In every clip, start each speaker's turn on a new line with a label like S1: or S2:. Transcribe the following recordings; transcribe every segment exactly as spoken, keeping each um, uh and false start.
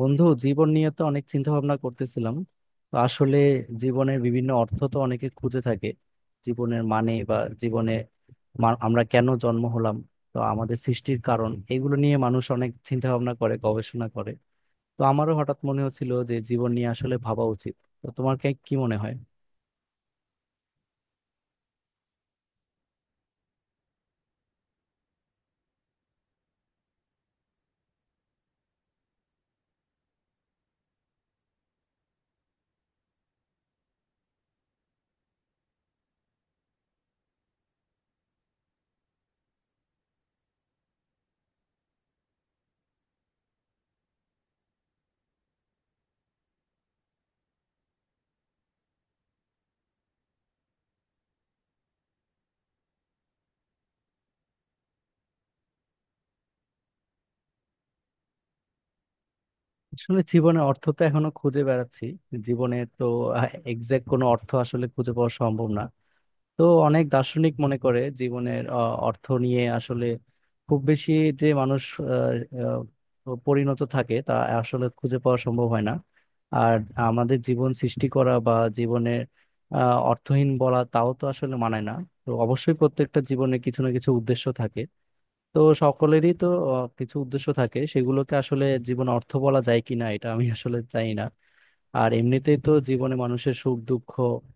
S1: বন্ধু, জীবন নিয়ে তো অনেক চিন্তা ভাবনা করতেছিলাম। তো আসলে জীবনের বিভিন্ন অর্থ তো অনেকে খুঁজে থাকে। জীবনের মানে বা জীবনে মা- আমরা কেন জন্ম হলাম, তো আমাদের সৃষ্টির কারণ, এগুলো নিয়ে মানুষ অনেক চিন্তা ভাবনা করে, গবেষণা করে। তো আমারও হঠাৎ মনে হচ্ছিল যে জীবন নিয়ে আসলে ভাবা উচিত। তো তোমার কে- কি মনে হয়? আসলে জীবনের অর্থ তো এখনো খুঁজে বেড়াচ্ছি। জীবনে তো এক্সাক্ট কোনো অর্থ আসলে খুঁজে পাওয়া সম্ভব না। তো অনেক দার্শনিক মনে করে জীবনের আহ, অর্থ নিয়ে আসলে খুব বেশি যে মানুষ আহ, আহ, পরিণত থাকে তা আসলে খুঁজে পাওয়া সম্ভব হয় না। আর আমাদের জীবন সৃষ্টি করা বা জীবনের আহ, অর্থহীন বলা তাও তো আসলে মানায় না। তো অবশ্যই প্রত্যেকটা জীবনে কিছু না কিছু উদ্দেশ্য থাকে। তো সকলেরই তো আহ, কিছু উদ্দেশ্য থাকে, সেগুলোকে আসলে জীবন অর্থ বলা যায় কিনা এটা আমি আসলে চাই না। আর এমনিতেই তো জীবনে মানুষের সুখ দুঃখ,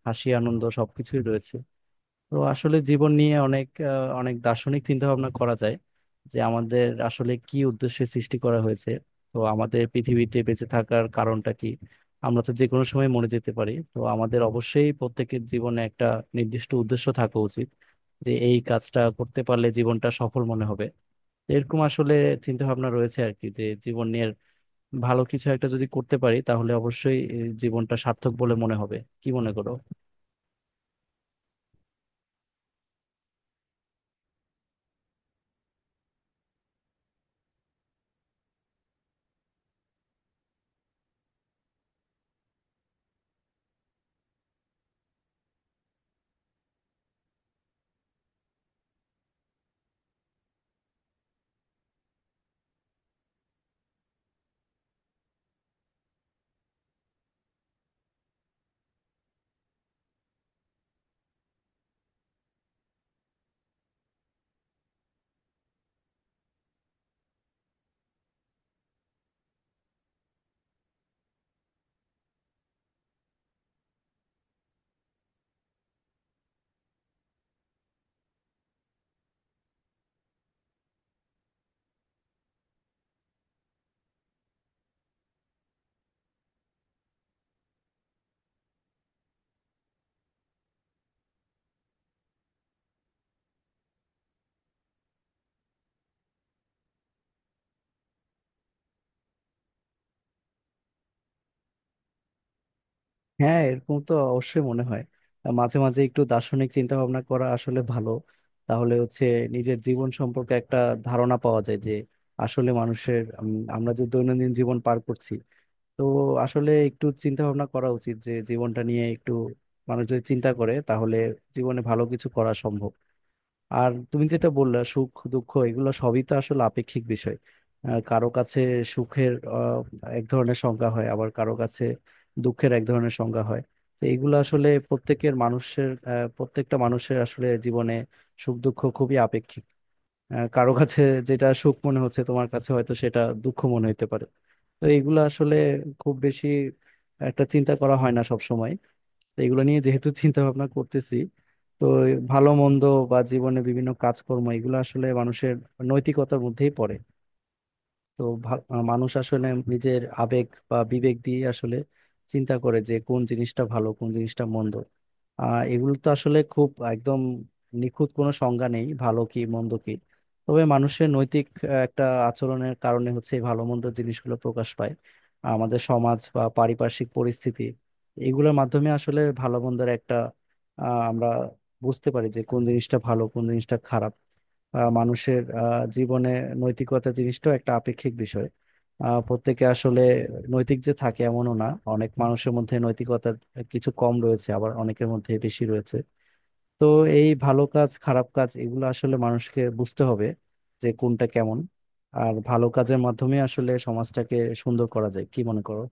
S1: হাসি আনন্দ সবকিছুই রয়েছে। তো আসলে জীবন নিয়ে অনেক আহ, অনেক দার্শনিক চিন্তা ভাবনা করা যায় যে আমাদের আসলে কি উদ্দেশ্যে সৃষ্টি করা হয়েছে, তো আমাদের পৃথিবীতে বেঁচে থাকার কারণটা কি। আমরা তো যে কোনো সময় মরে যেতে পারি, তো আমাদের অবশ্যই প্রত্যেকের জীবনে একটা নির্দিষ্ট উদ্দেশ্য থাকা উচিত, যে এই কাজটা করতে পারলে জীবনটা সফল মনে হবে। এরকম আসলে চিন্তা ভাবনা রয়েছে আর কি, যে জীবনের ভালো কিছু একটা যদি করতে পারি তাহলে অবশ্যই এই জীবনটা সার্থক বলে মনে হবে। কি মনে করো? হ্যাঁ, এরকম তো অবশ্যই মনে হয়। আহ মাঝে মাঝে একটু দার্শনিক চিন্তা ভাবনা করা আসলে ভালো। তাহলে হচ্ছে নিজের জীবন সম্পর্কে একটা ধারণা পাওয়া যায় যে আসলে মানুষের উম, আমরা যে দৈনন্দিন জীবন পার করছি, তো আসলে একটু চিন্তা ভাবনা করা উচিত যে জীবনটা নিয়ে একটু মানুষ যদি চিন্তা করে তাহলে জীবনে ভালো কিছু করা সম্ভব। আর তুমি যেটা বললা, সুখ দুঃখ এগুলো সবই তো আসলে আপেক্ষিক বিষয়। আহ, কারো কাছে সুখের আহ, এক ধরনের সংজ্ঞা হয়, আবার কারো কাছে দুঃখের এক ধরনের সংজ্ঞা হয়। তো এগুলো আসলে প্রত্যেকের মানুষের আহ, প্রত্যেকটা মানুষের আসলে জীবনে সুখ দুঃখ খুবই আপেক্ষিক। আহ, কারো কাছে যেটা সুখ মনে হচ্ছে, তোমার কাছে হয়তো সেটা দুঃখ মনে হতে পারে। তো এগুলো আসলে খুব বেশি একটা চিন্তা করা হয় না সব সময়। তো এগুলো নিয়ে যেহেতু চিন্তা ভাবনা করতেছি, তো ভালো মন্দ বা জীবনে বিভিন্ন কাজকর্ম, এগুলো আসলে মানুষের নৈতিকতার মধ্যেই পড়ে। তো ভা- আহ মানুষ আসলে নিজের আবেগ বা বিবেক দিয়ে আসলে চিন্তা করে যে কোন জিনিসটা ভালো কোন জিনিসটা মন্দ। আহ এগুলো তো আসলে খুব একদম নিখুঁত কোনো সংজ্ঞা নেই ভালো কি মন্দ কি। তবে মানুষের নৈতিক আহ, একটা আচরণের কারণে হচ্ছে এই ভালো মন্দ জিনিসগুলো প্রকাশ পায়। আমাদের সমাজ বা পারিপার্শ্বিক পরিস্থিতি, এগুলোর মাধ্যমে আসলে ভালো মন্দের একটা আহ আমরা বুঝতে পারি যে কোন জিনিসটা ভালো কোন জিনিসটা খারাপ। আহ, মানুষের আহ, জীবনে নৈতিকতা জিনিসটাও একটা আপেক্ষিক বিষয়। আহ, প্রত্যেকে আসলে নৈতিক যে থাকে এমনও না। অনেক মানুষের মধ্যে নৈতিকতার কিছু কম রয়েছে, আবার অনেকের মধ্যে বেশি রয়েছে। তো এই ভালো কাজ খারাপ কাজ এগুলো আসলে মানুষকে বুঝতে হবে যে কোনটা কেমন। আর ভালো কাজের মাধ্যমে আসলে সমাজটাকে সুন্দর করা যায়। কি মনে করো?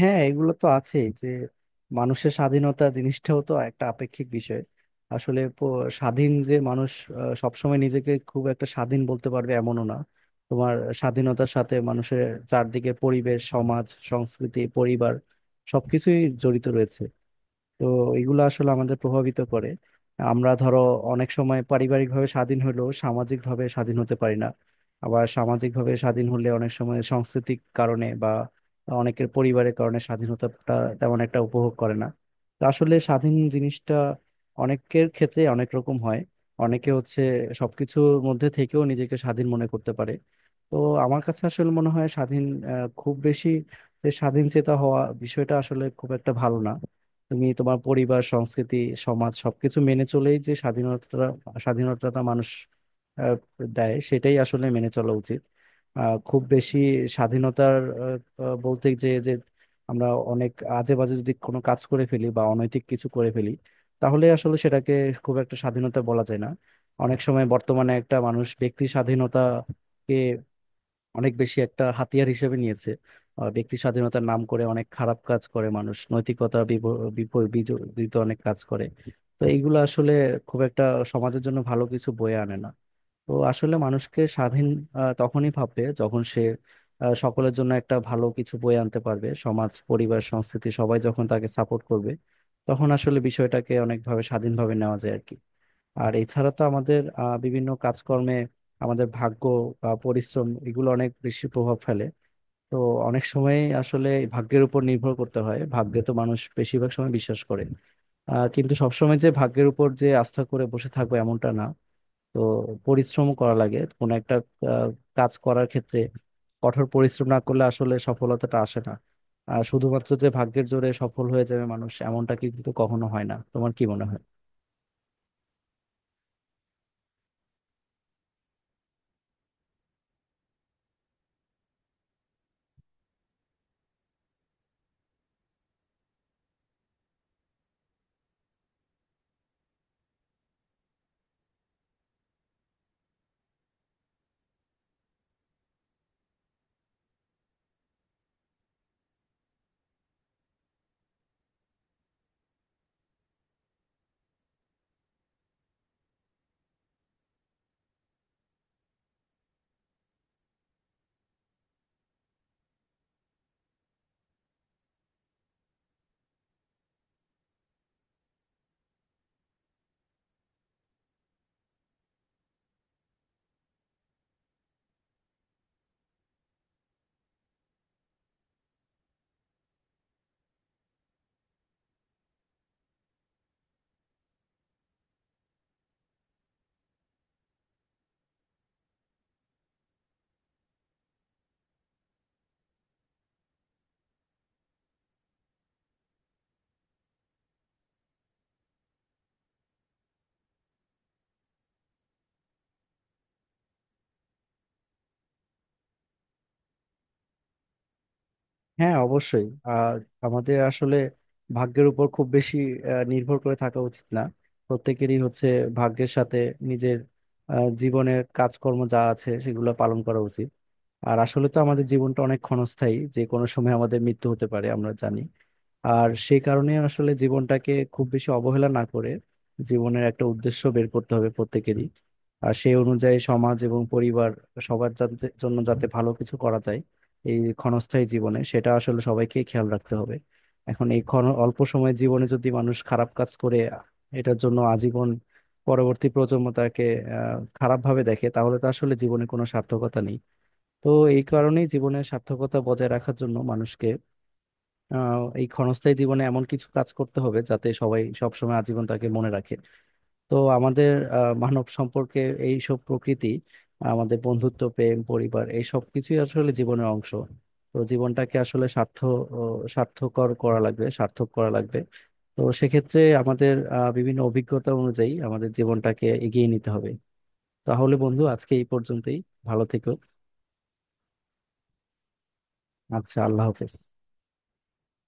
S1: হ্যাঁ, এগুলো তো আছেই যে মানুষের স্বাধীনতা জিনিসটাও তো একটা আপেক্ষিক বিষয়। আসলে প- স্বাধীন যে মানুষ আহ, সবসময় নিজেকে খুব একটা স্বাধীন বলতে পারবে এমনও না। তোমার স্বাধীনতার সাথে মানুষের চারদিকে পরিবেশ, সমাজ, সংস্কৃতি, পরিবার সবকিছুই জড়িত রয়েছে। তো এগুলো আসলে আমাদের প্রভাবিত করে। আমরা ধরো অনেক সময় পারিবারিকভাবে স্বাধীন হলেও সামাজিকভাবে স্বাধীন হতে পারি না। আবার সামাজিকভাবে স্বাধীন হলে অনেক সময় সাংস্কৃতিক কারণে বা অনেকের পরিবারের কারণে স্বাধীনতাটা তেমন একটা উপভোগ করে না। তো আসলে স্বাধীন জিনিসটা অনেকের ক্ষেত্রে অনেক রকম হয়। অনেকে হচ্ছে সবকিছুর মধ্যে থেকেও নিজেকে স্বাধীন মনে করতে পারে। তো আমার কাছে আসলে মনে হয় স্বাধীন আহ, খুব বেশি যে স্বাধীন চেতা হওয়া বিষয়টা আসলে খুব একটা ভালো না। তুমি তোমার পরিবার, সংস্কৃতি, সমাজ সবকিছু মেনে চলেই যে স্বাধীনতা, স্বাধীনতা মানুষ আহ, দেয় সেটাই আসলে মেনে চলা উচিত। আহ, খুব বেশি স্বাধীনতার আহ, আহ, বলতে যে যে আমরা অনেক আজে বাজে যদি কোনো কাজ করে ফেলি বা অনৈতিক কিছু করে ফেলি, তাহলে আসলে সেটাকে খুব একটা স্বাধীনতা বলা যায় না। অনেক সময় বর্তমানে একটা মানুষ ব্যক্তি স্বাধীনতাকে অনেক বেশি একটা হাতিয়ার হিসেবে নিয়েছে। আহ, ব্যক্তি স্বাধীনতার নাম করে অনেক খারাপ কাজ করে মানুষ, নৈতিকতা বিব- বিপ- বিজড়িত অনেক কাজ করে। তো এইগুলো আসলে খুব একটা সমাজের জন্য ভালো কিছু বয়ে আনে না। তো আসলে মানুষকে স্বাধীন আহ, তখনই ভাববে যখন সে আহ, সকলের জন্য একটা ভালো কিছু বয়ে আনতে পারবে, সমাজ, পরিবার, সংস্কৃতি সবাই যখন তাকে সাপোর্ট করবে, তখন আসলে বিষয়টাকে অনেকভাবে স্বাধীনভাবে নেওয়া যায় আর কি। আর এছাড়া তো আমাদের আহ, বিভিন্ন কাজকর্মে আমাদের ভাগ্য বা পরিশ্রম, এগুলো অনেক বেশি প্রভাব ফেলে। তো অনেক সময় আসলে ভাগ্যের উপর নির্ভর করতে হয়। ভাগ্যে তো মানুষ বেশিরভাগ সময় বিশ্বাস করে। আহ, কিন্তু সবসময় যে ভাগ্যের উপর যে আস্থা করে বসে থাকবো এমনটা না। তো পরিশ্রম করা লাগে কোনো একটা আহ, কাজ করার ক্ষেত্রে। কঠোর পরিশ্রম না করলে আসলে সফলতাটা আসে না। আর শুধুমাত্র যে ভাগ্যের জোরে সফল হয়ে যাবে মানুষ এমনটা কিন্তু কখনো হয় না। তোমার কি মনে হয়? হ্যাঁ, অবশ্যই। আর আমাদের আসলে ভাগ্যের উপর খুব বেশি আহ, নির্ভর করে থাকা উচিত না। প্রত্যেকেরই হচ্ছে ভাগ্যের সাথে নিজের আহ, জীবনের কাজকর্ম যা আছে সেগুলো পালন করা উচিত। আর আসলে তো আমাদের জীবনটা অনেক ক্ষণস্থায়ী, যে কোনো সময় আমাদের মৃত্যু হতে পারে আমরা জানি। আর সেই কারণে আসলে জীবনটাকে খুব বেশি অবহেলা না করে জীবনের একটা উদ্দেশ্য বের করতে হবে প্রত্যেকেরই। আর সেই অনুযায়ী সমাজ এবং পরিবার, সবার যাতে জন্য যাতে ভালো কিছু করা যায় এই ক্ষণস্থায়ী জীবনে, সেটা আসলে সবাইকে খেয়াল রাখতে হবে। এখন এই ক্ষণ অল্প সময়ের জীবনে যদি মানুষ খারাপ কাজ করে, এটার জন্য আজীবন পরবর্তী প্রজন্ম তাকে আহ খারাপভাবে দেখে, তাহলে তো আসলে জীবনে কোনো সার্থকতা নেই। তো এই কারণেই জীবনের সার্থকতা বজায় রাখার জন্য মানুষকে আহ, এই ক্ষণস্থায়ী জীবনে এমন কিছু কাজ করতে হবে যাতে সবাই সবসময় আজীবন তাকে মনে রাখে। তো আমাদের আহ, মানব সম্পর্কে, এই সব প্রকৃতি, আমাদের বন্ধুত্ব, প্রেম, পরিবার, এই সব কিছুই আসলে জীবনের অংশ। তো জীবনটাকে আসলে সার্থ ও সার্থকর করা লাগবে, সার্থক করা লাগবে। তো সেক্ষেত্রে আমাদের আহ, বিভিন্ন অভিজ্ঞতা অনুযায়ী আমাদের জীবনটাকে এগিয়ে নিতে হবে। তাহলে বন্ধু, আজকে এই পর্যন্তই। ভালো থেকো। আচ্ছা, আল্লাহ হাফেজ।